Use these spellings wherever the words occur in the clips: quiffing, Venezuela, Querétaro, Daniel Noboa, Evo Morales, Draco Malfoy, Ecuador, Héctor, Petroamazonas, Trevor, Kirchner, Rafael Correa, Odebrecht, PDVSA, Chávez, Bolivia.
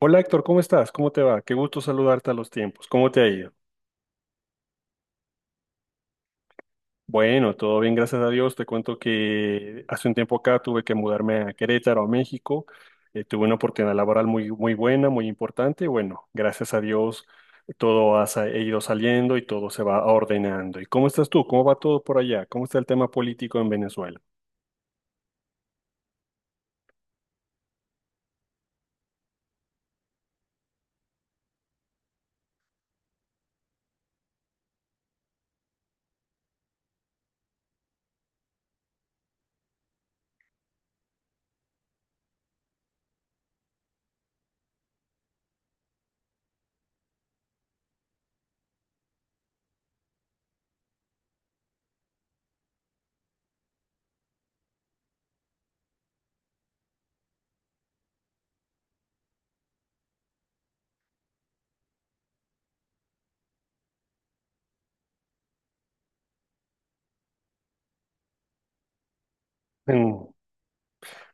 Hola Héctor, ¿cómo estás? ¿Cómo te va? Qué gusto saludarte a los tiempos. ¿Cómo te ha ido? Bueno, todo bien, gracias a Dios. Te cuento que hace un tiempo acá tuve que mudarme a Querétaro, a México. Tuve una oportunidad laboral muy, muy buena, muy importante. Bueno, gracias a Dios todo ha ido saliendo y todo se va ordenando. ¿Y cómo estás tú? ¿Cómo va todo por allá? ¿Cómo está el tema político en Venezuela?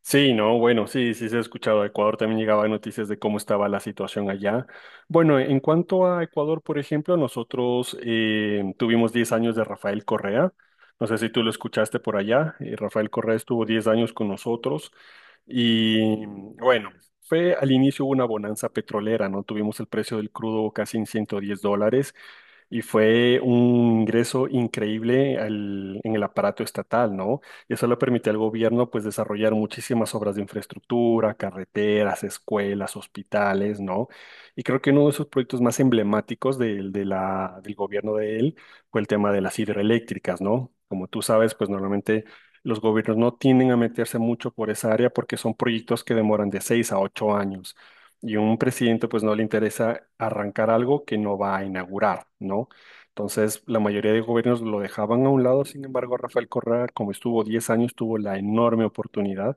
Sí, no, bueno, sí, sí se ha escuchado. A Ecuador también llegaba noticias de cómo estaba la situación allá. Bueno, en cuanto a Ecuador, por ejemplo, nosotros tuvimos 10 años de Rafael Correa. No sé si tú lo escuchaste por allá. Rafael Correa estuvo 10 años con nosotros y bueno, fue al inicio una bonanza petrolera, ¿no? Tuvimos el precio del crudo casi en $110 y fue un ingreso increíble en el aparato estatal, ¿no? Y eso le permite al gobierno pues desarrollar muchísimas obras de infraestructura, carreteras, escuelas, hospitales, ¿no? Y creo que uno de sus proyectos más emblemáticos del gobierno de él fue el tema de las hidroeléctricas, ¿no? Como tú sabes, pues normalmente los gobiernos no tienden a meterse mucho por esa área porque son proyectos que demoran de 6 a 8 años. Y a un presidente pues no le interesa arrancar algo que no va a inaugurar, ¿no? Entonces, la mayoría de gobiernos lo dejaban a un lado, sin embargo, Rafael Correa, como estuvo 10 años, tuvo la enorme oportunidad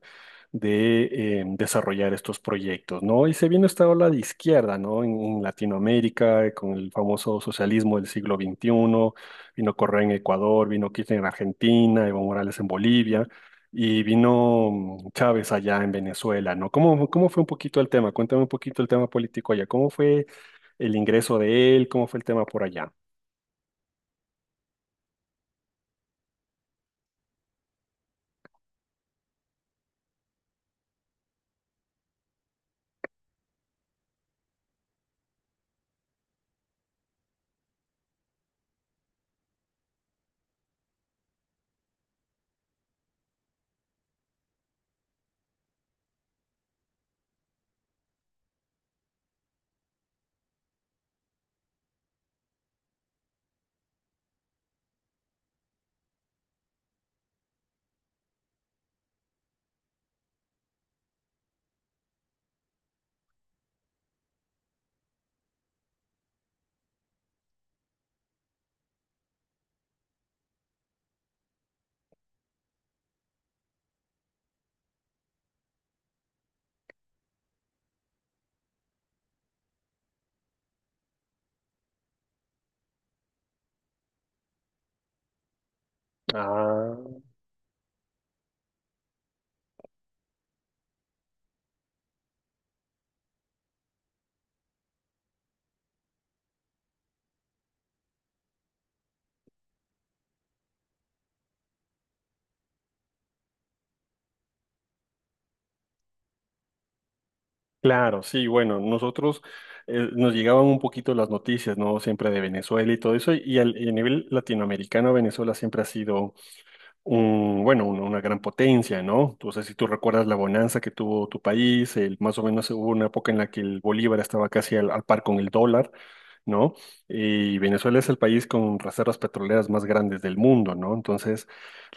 de desarrollar estos proyectos, ¿no? Y se vino esta ola de izquierda, ¿no? En Latinoamérica, con el famoso socialismo del siglo XXI, vino Correa en Ecuador, vino Kirchner en Argentina, Evo Morales en Bolivia, y vino Chávez allá en Venezuela, ¿no? ¿Cómo fue un poquito el tema? Cuéntame un poquito el tema político allá. ¿Cómo fue el ingreso de él? ¿Cómo fue el tema por allá? Ah, claro, sí, bueno, nosotros nos llegaban un poquito las noticias, ¿no? Siempre de Venezuela y todo eso, y y a nivel latinoamericano, Venezuela siempre ha sido una gran potencia, ¿no? Entonces si tú recuerdas la bonanza que tuvo tu país, más o menos hubo una época en la que el bolívar estaba casi al par con el dólar, ¿no? Y Venezuela es el país con reservas petroleras más grandes del mundo, ¿no? Entonces,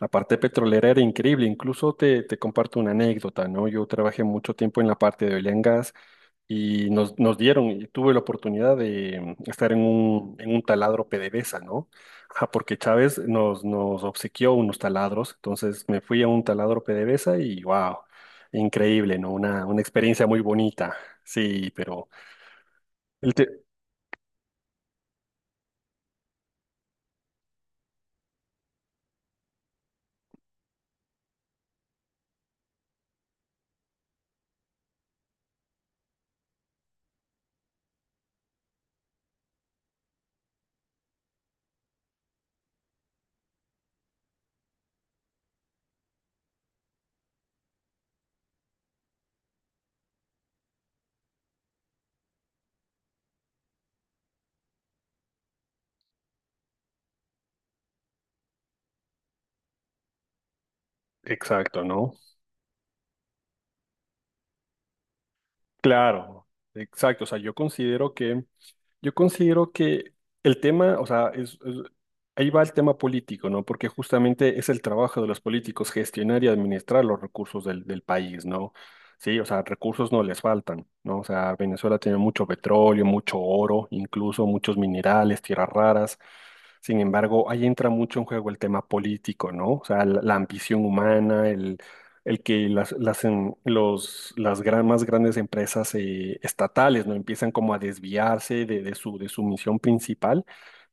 la parte petrolera era increíble. Incluso te comparto una anécdota, ¿no? Yo trabajé mucho tiempo en la parte de oil and gas y nos dieron, y tuve la oportunidad de estar en un taladro PDVSA, ¿no? Ajá, porque Chávez nos obsequió unos taladros, entonces me fui a un taladro PDVSA y wow, increíble, ¿no? Una experiencia muy bonita, sí, pero el te- exacto, ¿no? Claro, exacto, o sea, yo considero que el tema, o sea, ahí va el tema político, ¿no? Porque justamente es el trabajo de los políticos gestionar y administrar los recursos del país, ¿no? Sí, o sea, recursos no les faltan, ¿no? O sea, Venezuela tiene mucho petróleo, mucho oro, incluso muchos minerales, tierras raras. Sin embargo, ahí entra mucho en juego el tema político, ¿no? O sea, la ambición humana, el que las más grandes empresas estatales no empiezan como a desviarse de su misión principal,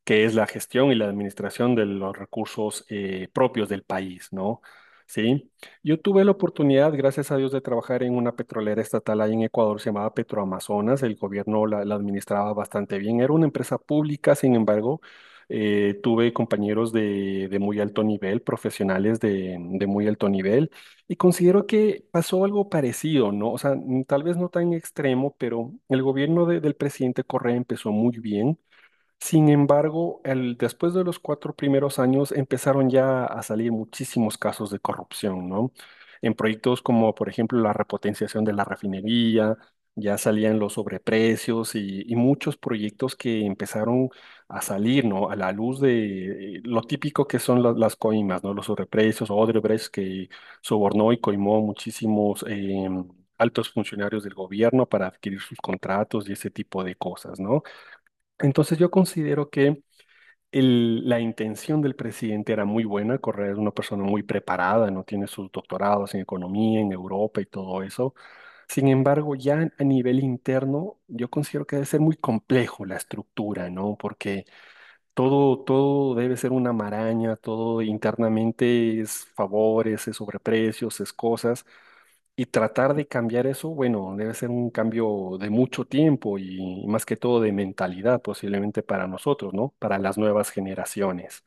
que es la gestión y la administración de los recursos propios del país, ¿no? Sí, yo tuve la oportunidad, gracias a Dios, de trabajar en una petrolera estatal ahí en Ecuador, se llamaba Petroamazonas, el gobierno la administraba bastante bien, era una empresa pública. Sin embargo, tuve compañeros de muy alto nivel, profesionales de muy alto nivel, y considero que pasó algo parecido, ¿no? O sea, tal vez no tan extremo, pero el gobierno del presidente Correa empezó muy bien. Sin embargo, después de los 4 primeros años empezaron ya a salir muchísimos casos de corrupción, ¿no? En proyectos como, por ejemplo, la repotenciación de la refinería, ya salían los sobreprecios y muchos proyectos que empezaron a salir, ¿no? A la luz de lo típico, que son las coimas, ¿no? Los sobreprecios, Odebrecht, que sobornó y coimó muchísimos altos funcionarios del gobierno para adquirir sus contratos y ese tipo de cosas, ¿no? Entonces yo considero que la intención del presidente era muy buena. Correa es una persona muy preparada, no tiene sus doctorados en economía, en Europa y todo eso. Sin embargo, ya a nivel interno, yo considero que debe ser muy complejo la estructura, ¿no? Porque todo, todo debe ser una maraña, todo internamente es favores, es sobreprecios, es cosas. Y tratar de cambiar eso, bueno, debe ser un cambio de mucho tiempo y más que todo de mentalidad, posiblemente para nosotros, ¿no? Para las nuevas generaciones.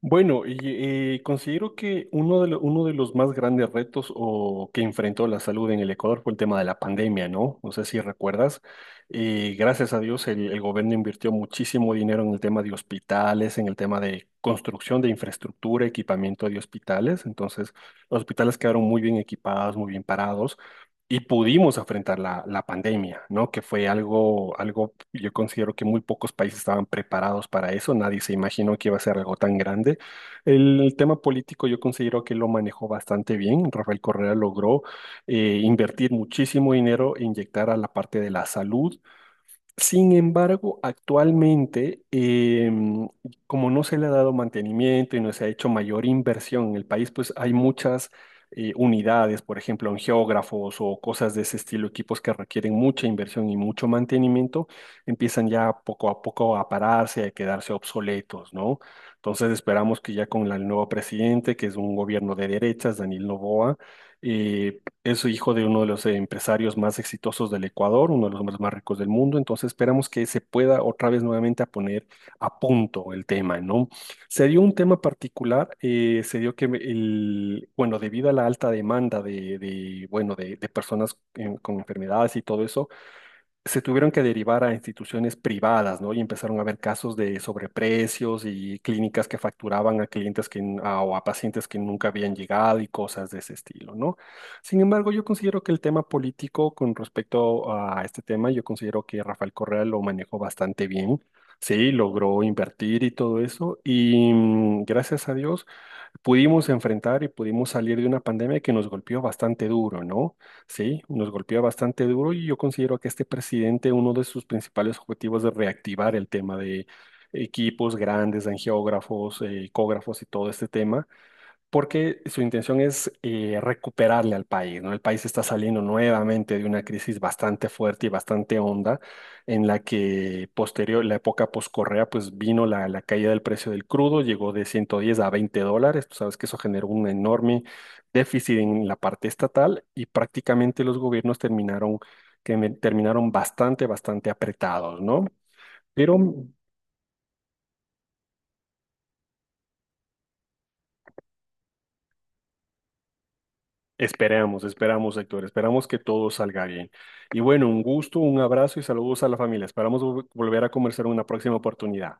Bueno, considero que uno de los más grandes retos o que enfrentó la salud en el Ecuador fue el tema de la pandemia, ¿no? No sé si recuerdas. Gracias a Dios, el gobierno invirtió muchísimo dinero en el tema de hospitales, en el tema de construcción de infraestructura, equipamiento de hospitales. Entonces, los hospitales quedaron muy bien equipados, muy bien parados, y pudimos enfrentar la pandemia, ¿no? Que fue algo, algo, yo considero que muy pocos países estaban preparados para eso, nadie se imaginó que iba a ser algo tan grande. El tema político yo considero que lo manejó bastante bien, Rafael Correa logró invertir muchísimo dinero e inyectar a la parte de la salud. Sin embargo, actualmente, como no se le ha dado mantenimiento y no se ha hecho mayor inversión en el país, pues hay muchas unidades, por ejemplo, geógrafos o cosas de ese estilo, equipos que requieren mucha inversión y mucho mantenimiento, empiezan ya poco a poco a pararse, a quedarse obsoletos, ¿no? Entonces esperamos que ya con el nuevo presidente, que es un gobierno de derechas, Daniel Noboa, eh, es hijo de uno de los empresarios más exitosos del Ecuador, uno de los hombres más ricos del mundo, entonces esperamos que se pueda otra vez nuevamente a poner a punto el tema, ¿no? Se dio un tema particular, se dio que bueno, debido a la alta demanda bueno, de personas con enfermedades y todo eso, se tuvieron que derivar a instituciones privadas, ¿no? Y empezaron a haber casos de sobreprecios y clínicas que facturaban a clientes o a pacientes que nunca habían llegado y cosas de ese estilo, ¿no? Sin embargo, yo considero que el tema político con respecto a este tema, yo considero que Rafael Correa lo manejó bastante bien, sí, logró invertir y todo eso, y gracias a Dios pudimos enfrentar y pudimos salir de una pandemia que nos golpeó bastante duro, ¿no? Sí, nos golpeó bastante duro y yo considero que este presidente, uno de sus principales objetivos es reactivar el tema de equipos grandes, angiógrafos, ecógrafos y todo este tema, porque su intención es recuperarle al país, ¿no? El país está saliendo nuevamente de una crisis bastante fuerte y bastante honda, en la que posterior, la época post-Correa, pues vino la caída del precio del crudo, llegó de 110 a $20, tú sabes que eso generó un enorme déficit en la parte estatal y prácticamente los gobiernos terminaron, terminaron bastante, bastante apretados, ¿no? Pero esperamos, Héctor, esperamos que todo salga bien. Y bueno, un gusto, un abrazo y saludos a la familia. Esperamos volver a conversar en una próxima oportunidad.